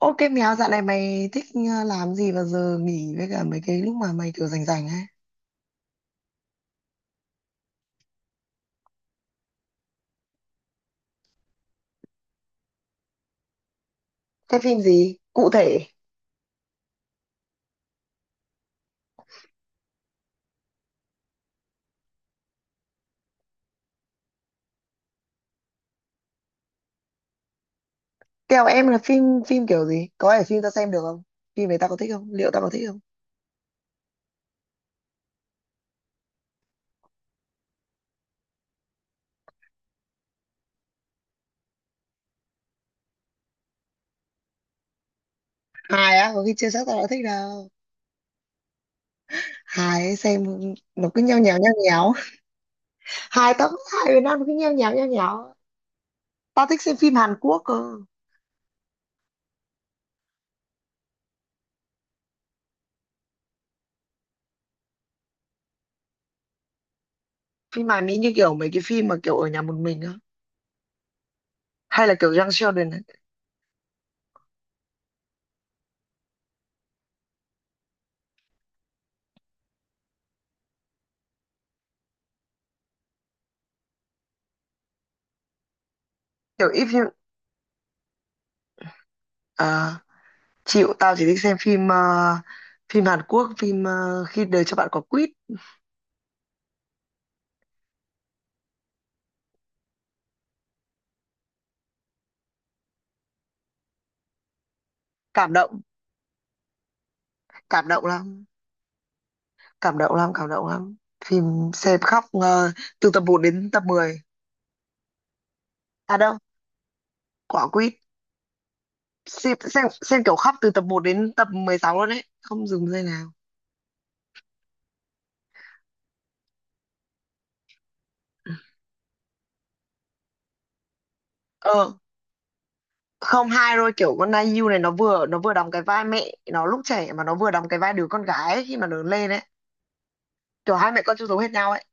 Ô cái mèo dạo này mày thích làm gì vào giờ nghỉ với cả mấy cái lúc mà mày kiểu rảnh rảnh ấy? Cái phim gì? Cụ thể. Kèo em là phim phim kiểu gì? Có phải phim tao xem được không? Phim này tao có thích không? Liệu tao có thích không? Hài á, có khi chưa chắc tao đã thích đâu. Hài ấy, xem nó cứ nheo nhéo nheo nhéo. Hài tao cũng hài Việt Nam nó cứ nheo nhéo nheo nhéo. Tao thích xem phim Hàn Quốc cơ. Phim Hàn Mỹ như kiểu mấy cái phim mà kiểu ở nhà một mình á. Hay là kiểu Young Sheldon ấy. Kiểu if you... Chịu, tao chỉ thích xem phim phim Hàn Quốc, phim khi đời cho bạn quả quýt. Cảm động, cảm động lắm, cảm động lắm, cảm động lắm. Phim xem khóc từ tập một đến tập 10. À đâu, quả quýt. Xem kiểu khóc từ tập 1 đến tập 16 luôn đấy, không dừng giây nào. ờ Không, hai rồi, kiểu con IU này nó vừa đóng cái vai mẹ nó lúc trẻ, mà nó vừa đóng cái vai đứa con gái ấy, khi mà lớn lên ấy, kiểu hai mẹ con chung giống hết nhau ấy.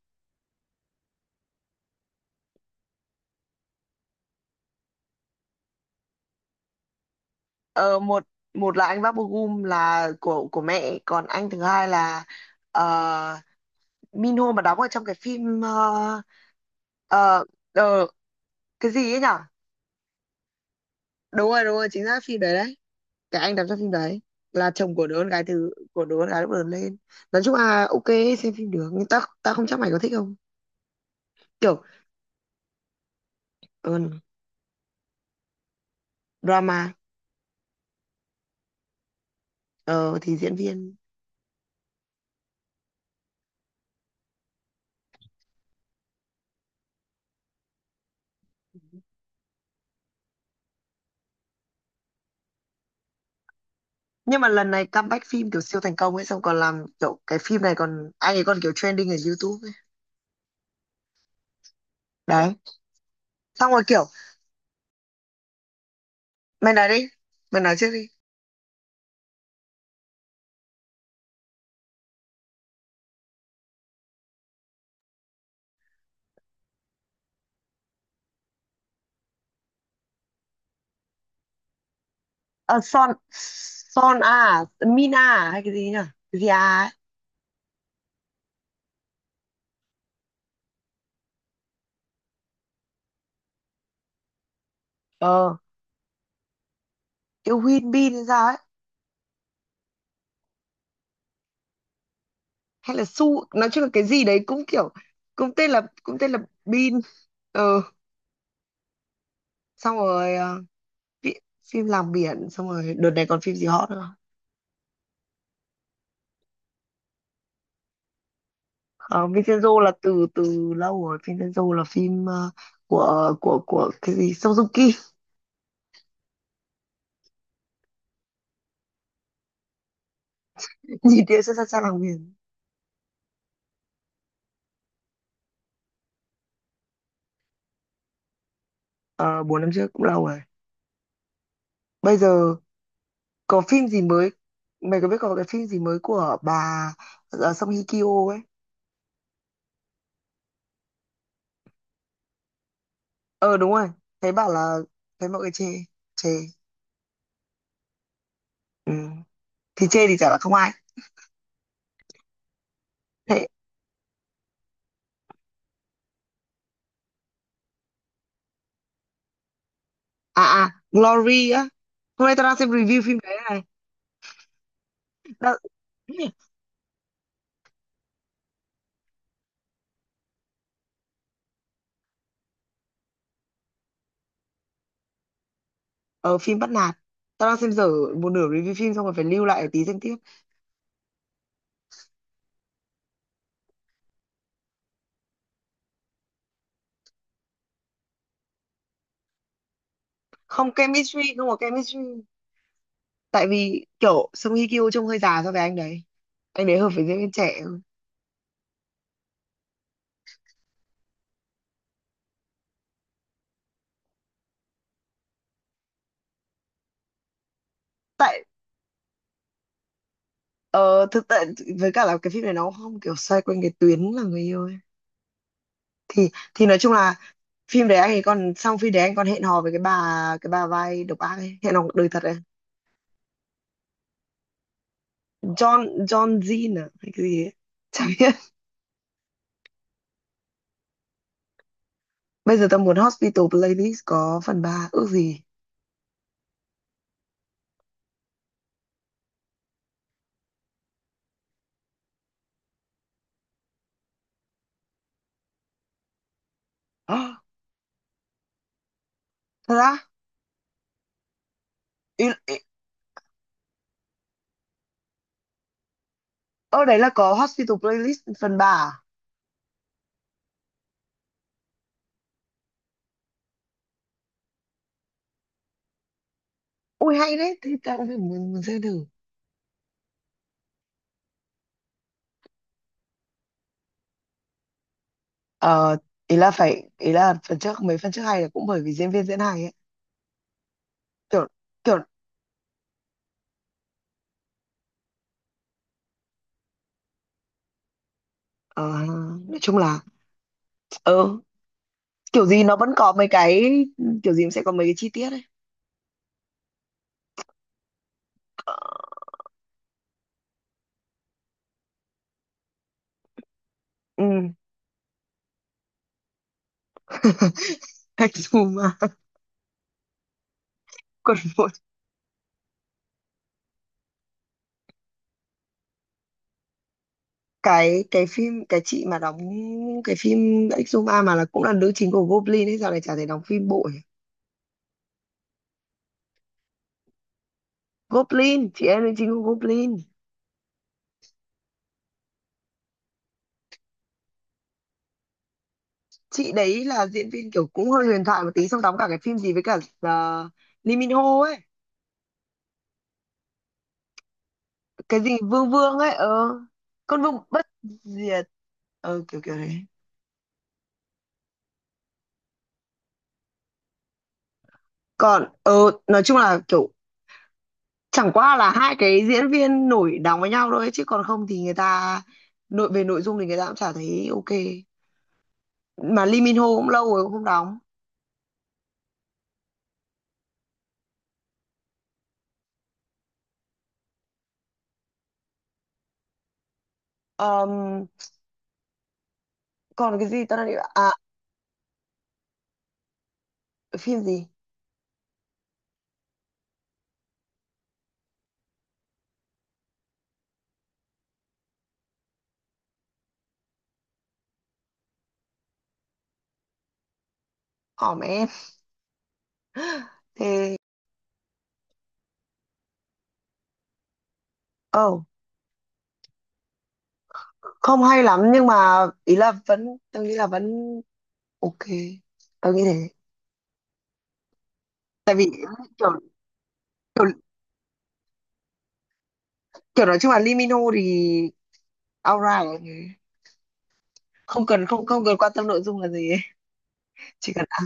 Ờ, một một là anh Bác Gum là của mẹ, còn anh thứ hai là ờ, Minho mà đóng ở trong cái phim ờ, ờ, cái gì ấy nhở. Đúng rồi, đúng rồi, chính xác, phim đấy đấy. Cái anh đóng trong phim đấy là chồng của đứa con gái thứ, của đứa con gái lúc lớn lên. Nói chung là ok, xem phim được nhưng ta ta không chắc mày có thích không. Kiểu ờ, drama. Ờ, thì diễn viên. Nhưng mà lần này comeback phim kiểu siêu thành công ấy, xong còn làm kiểu cái phim này, còn anh ấy còn kiểu trending ở YouTube ấy. Đấy, xong rồi kiểu mày nói đi, mày nói trước đi. Ờ Son, Son à, Mina à, hay cái gì nhỉ? Cái gì à ấy. Ờ, yêu Win Bin hay sao ấy. Hay là Su nói chung là cái gì đấy, cũng kiểu cũng tên là Bin. ờ Xong rồi phim, phim làng biển. Xong rồi đợt này còn phim gì hot nữa? Không? Vincenzo là từ từ lâu rồi, Vincenzo là phim của cái gì Suzuki. Nhìn địa xuất sắc sang làng biển. Ờ, 4 năm trước cũng lâu rồi. Bây giờ có phim gì mới, mày có biết có cái phim gì mới của bà Song Hye Kyo ấy? Ờ, đúng rồi, thấy bảo là thấy mọi người chê, chê. Ừ. Thì chê thì chả là không ai. Thế à? À Glory á, hôm nay tao đang xem review phim đấy này. Tao- Ở phim bắt nạt, tao đang xem dở một nửa review phim, xong rồi phải lưu lại tí xem tiếp. Không chemistry, không có chemistry, tại vì kiểu Song Hye Kyo trông hơi già so với anh đấy, anh đấy hợp với diễn viên trẻ hơn. Tại Ờ, Thực tại với cả là cái phim này nó không kiểu xoay quanh cái tuyến là người yêu ấy. Thì thì nói chung là phim đấy anh ấy còn, xong phim đấy anh còn hẹn hò với cái bà, cái bà vai độc ác ấy, hẹn hò cuộc đời thật ấy. John John Jean à hay cái gì ấy. Chả biết. Bây giờ tao muốn Hospital Playlist có phần ba, ước gì. Ơ, thật á? Ý, ở đấy là có Hospital Playlist phần 3 à? Ui hay đấy, thì tao cũng phải muốn, muốn xem thử. Ờ, ý là phải, ý là phần trước, mấy phần trước hay là cũng bởi vì diễn viên diễn hay ấy. Kiểu Kiểu Ờ, Nói chung là ờ, kiểu gì nó vẫn có mấy cái, kiểu gì cũng sẽ có mấy cái chi tiết ấy. Ừ. Exuma. Còn một cái phim, cái chị mà đóng cái phim Exuma mà là cũng là nữ chính của Goblin ấy, giờ này chả thể đóng phim bộ nhỉ? Goblin, chị em nữ chính của Goblin. Chị đấy là diễn viên kiểu cũng hơi huyền thoại một tí, xong đóng cả cái phim gì với cả Lee Min Ho ấy. Cái gì Vương Vương ấy, ờ con Vương bất diệt. Kiểu kiểu đấy. Còn nói chung là kiểu chẳng qua là hai cái diễn viên nổi đóng với nhau thôi, chứ còn không thì người ta, về nội dung thì người ta cũng chả thấy ok. Mà Lee Min Ho cũng lâu rồi cũng không đóng. Ờm, Còn cái gì ta đang định à phim gì? Hỏm em. Thế oh không hay lắm nhưng mà ý là vẫn, tôi nghĩ là vẫn ok, tôi nghĩ thế. Kiểu kiểu, kiểu nói chung là Lee Min Ho thì alright, không cần, không không cần quan tâm nội dung là gì ấy. Chỉ cần à,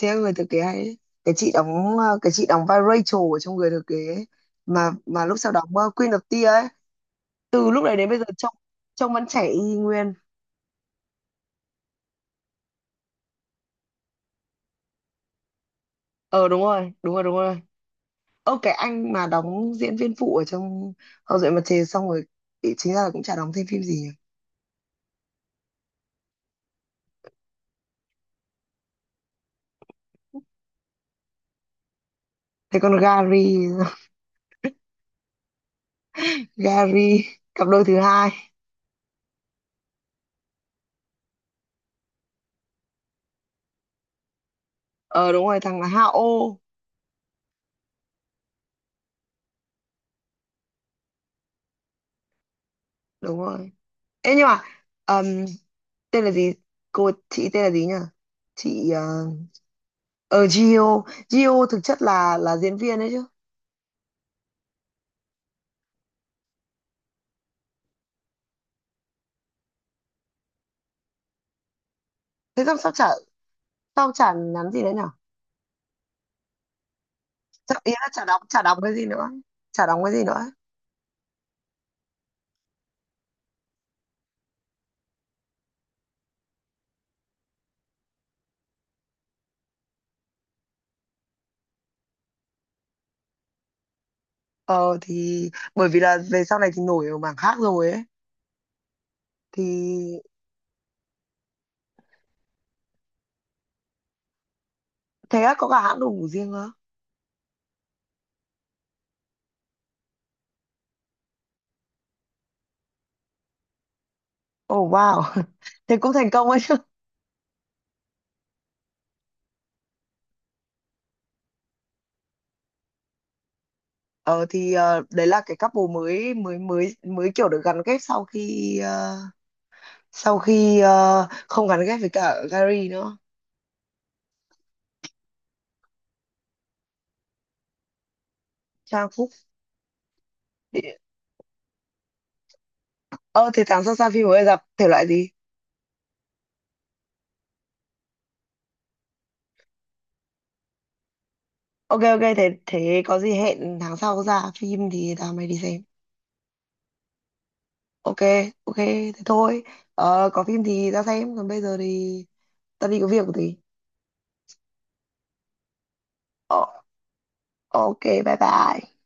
thế em người thừa kế hay đấy. Cái chị đóng cái chị đóng vai Rachel ở trong người thừa kế ấy, mà lúc sau đóng Queen of Tears ấy. Từ lúc đấy đến bây giờ trông, trông vẫn trẻ y nguyên. Ờ, đúng rồi, đúng rồi, đúng rồi. Ơ, cái anh mà đóng diễn viên phụ ở trong Hậu duệ mặt trời, xong rồi chính ra là cũng chả đóng thêm phim gì nhỉ? Thế còn Gary? Gary, cặp đôi thứ hai. Ờ, đúng rồi, thằng là Hao. Đúng rồi. Ê nhưng mà ờm, tên là gì, cô chị tên là gì nhỉ, chị ở Gio. Gio thực chất là diễn viên đấy chứ. Thế sao sao chả nhắn gì đấy nhở? Chả, ý là chả đóng cái gì nữa, chả đóng cái gì nữa. Ờ thì bởi vì là về sau này thì nổi ở mảng khác rồi ấy. Thì thế á, có cả hãng đồ ngủ riêng nữa? Oh wow. Thế cũng thành công ấy chứ. Ờ thì ờ, đấy là cái couple mới mới mới mới kiểu được gắn kết sau khi không gắn kết với cả Gary nữa. Trang Phúc. Ờ thì tháng sau ra phim mới, gặp thể loại gì? Ok, ok, thế thế có gì hẹn tháng sau ra phim thì tao mày đi xem. Ok. Ok, thế thôi. Ờ, có phim thì ra xem, còn bây giờ thì tao đi có việc một tí. Ờ, ok, bye bye.